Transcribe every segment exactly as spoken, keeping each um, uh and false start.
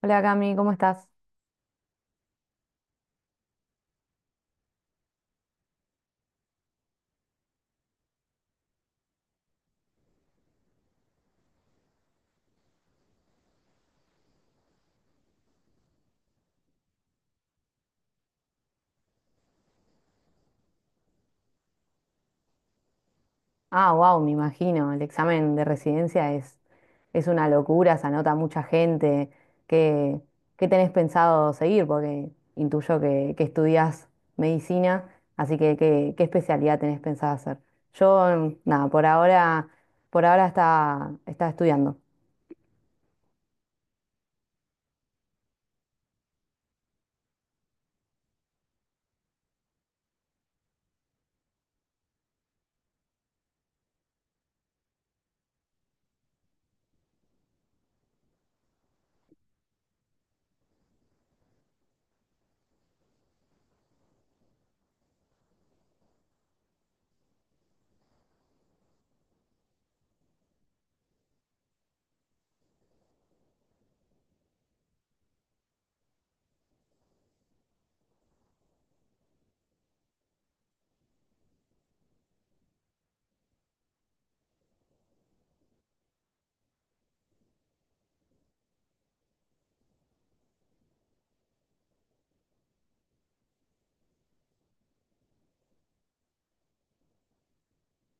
Hola Cami, ¿cómo estás? Ah, wow, me imagino, el examen de residencia es, es una locura, se anota mucha gente. ¿Qué, qué tenés pensado seguir? Porque intuyo que, que estudias medicina, así que ¿qué, qué especialidad tenés pensado hacer? Yo, mm, nada, por ahora, por ahora está, está estudiando.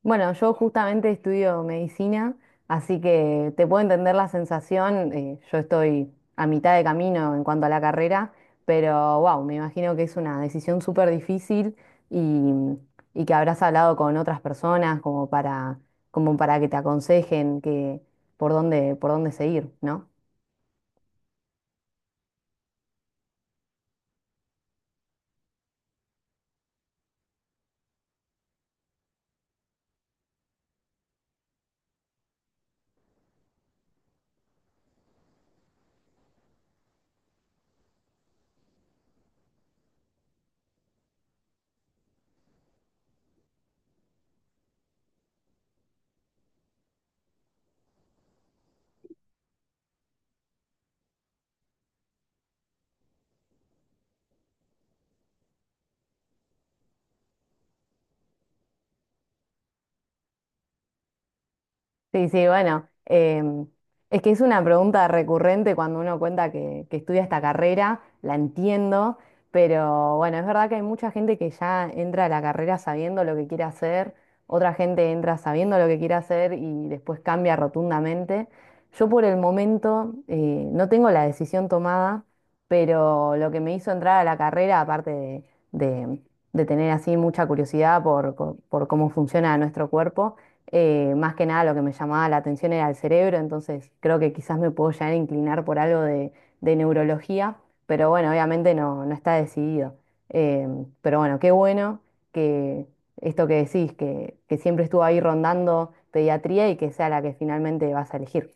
Bueno, yo justamente estudio medicina, así que te puedo entender la sensación. Eh, yo estoy a mitad de camino en cuanto a la carrera, pero wow, me imagino que es una decisión súper difícil y, y que habrás hablado con otras personas como para, como para que te aconsejen que, por dónde, por dónde seguir, ¿no? Sí, sí, bueno, em, es que es una pregunta recurrente cuando uno cuenta que, que estudia esta carrera, la entiendo, pero bueno, es verdad que hay mucha gente que ya entra a la carrera sabiendo lo que quiere hacer, otra gente entra sabiendo lo que quiere hacer y después cambia rotundamente. Yo por el momento eh, no tengo la decisión tomada, pero lo que me hizo entrar a la carrera, aparte de, de- de tener así mucha curiosidad por co- por cómo funciona nuestro cuerpo, eh, más que nada lo que me llamaba la atención era el cerebro, entonces creo que quizás me puedo llegar a inclinar por algo de, de neurología, pero bueno, obviamente no, no está decidido. Eh, pero bueno, qué bueno que esto que decís, que, que siempre estuvo ahí rondando pediatría y que sea la que finalmente vas a elegir.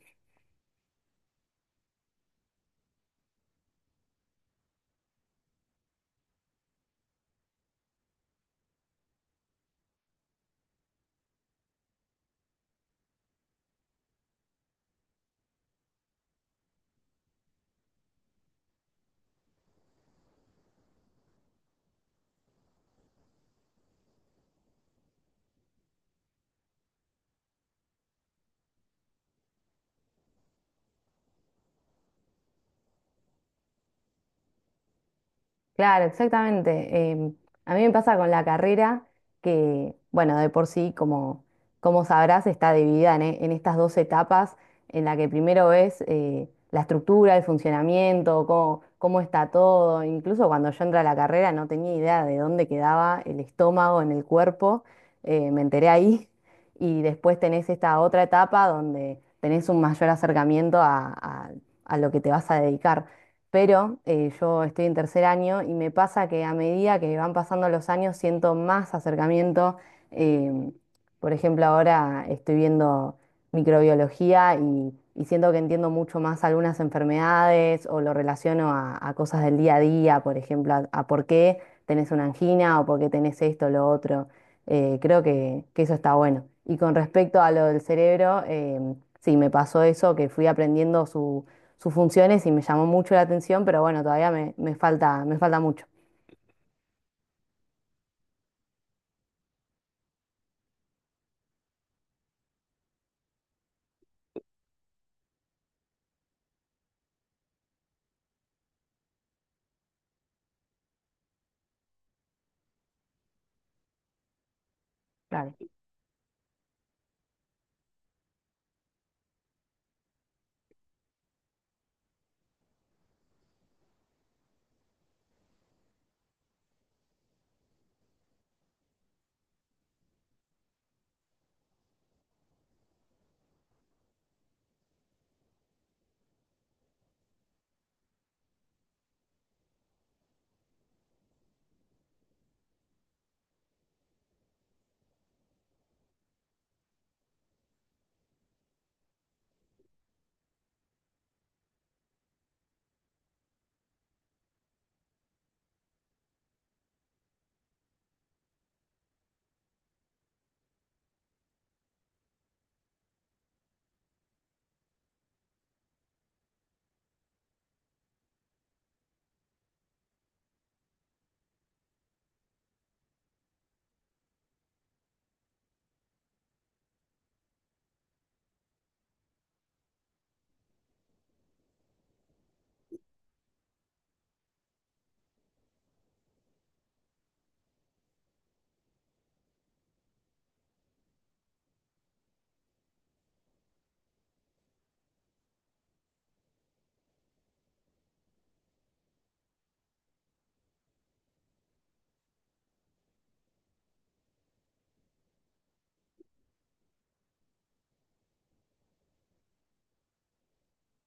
Claro, exactamente. Em, a mí me pasa con la carrera que, bueno, de por sí, como, como sabrás, está dividida en, e- en estas dos etapas, en la que primero ves eh, la estructura, el funcionamiento, cómo, cómo está todo. Incluso cuando yo entré a la carrera no tenía idea de dónde quedaba el estómago en el cuerpo, eh, me enteré ahí. Y después tenés esta otra etapa donde tenés un mayor acercamiento a, a a lo que te vas a dedicar. Pero eh, yo estoy en tercer año y me pasa que a medida que van pasando los años siento más acercamiento. em, por ejemplo, ahora estoy viendo microbiología y, y siento que entiendo mucho más algunas enfermedades o lo relaciono a, a cosas del día a día, por ejemplo, a, a por qué tenés una angina o por qué tenés esto o lo otro. Eh, creo que, que eso está bueno. Y con respecto a lo del cerebro, em, sí, me pasó eso, que fui aprendiendo su sus funciones y me llamó mucho la atención, pero bueno, todavía me, me falta, me falta mucho. Claro.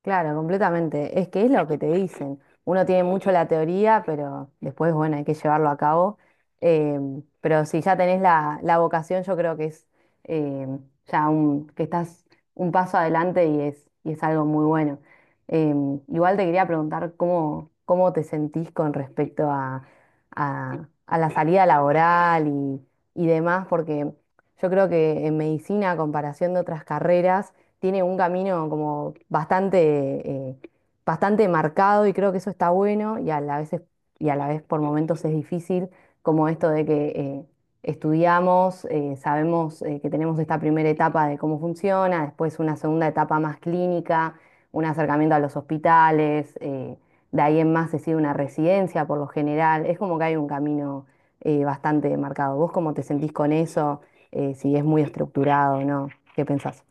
Claro, completamente. Es que es lo que te dicen. Uno tiene mucho la teoría, pero después, bueno, hay que llevarlo a cabo. Em, pero si ya tenés la, la vocación, yo creo que es em, ya un, que estás un paso adelante y es, y es algo muy bueno. Em, igual te quería preguntar cómo, cómo te sentís con respecto a, a- a la salida laboral y, y demás, porque yo creo que en medicina, a comparación de otras carreras, tiene un camino como bastante, eh, bastante marcado y creo que eso está bueno y a la vez, es- y a la vez por momentos es difícil, como esto de que eh, estudiamos, eh, sabemos eh, que tenemos esta primera etapa de cómo funciona, después una segunda etapa más clínica, un acercamiento a los hospitales, eh, de ahí en más se sigue una residencia por lo general, es como que hay un camino eh, bastante marcado. ¿Vos cómo te sentís con eso? Eh, ¿si es muy estructurado, no? ¿Qué pensás?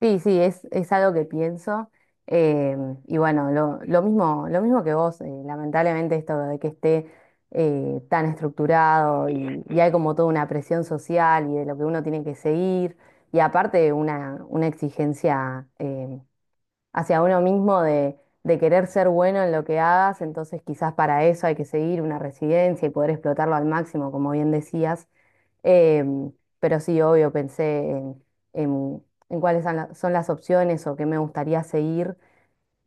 Sí, sí, es, es algo que pienso. eh, y bueno, lo, lo mismo, lo mismo que vos, eh, lamentablemente esto de que esté eh, tan estructurado y, y hay como toda una presión social y de lo que uno tiene que seguir y aparte una, una exigencia, eh, hacia uno mismo de, de querer ser bueno en lo que hagas, entonces quizás para eso hay que seguir una residencia y poder explotarlo al máximo, como bien decías. Em, pero sí, obvio, pensé en, en- en cuáles son, la- son las opciones o qué me gustaría seguir.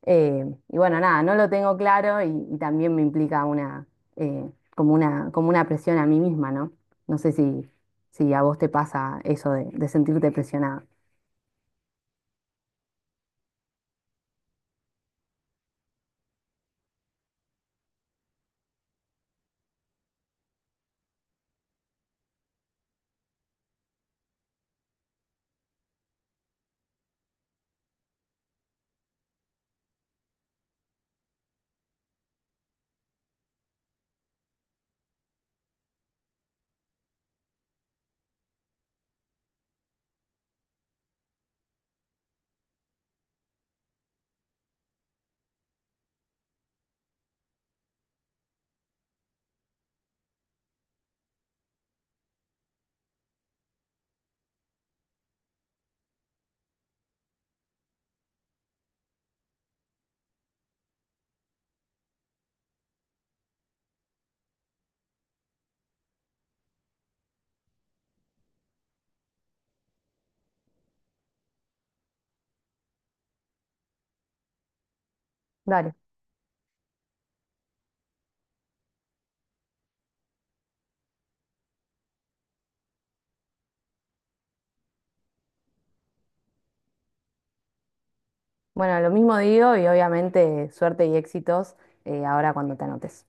Em, y bueno, nada, no lo tengo claro y, y también me implica una, eh, como una, como una presión a mí misma, ¿no? No sé si, si a vos te pasa eso de, de sentirte presionada. Dale. Bueno, lo mismo digo y obviamente suerte y éxitos eh, ahora cuando te anotes.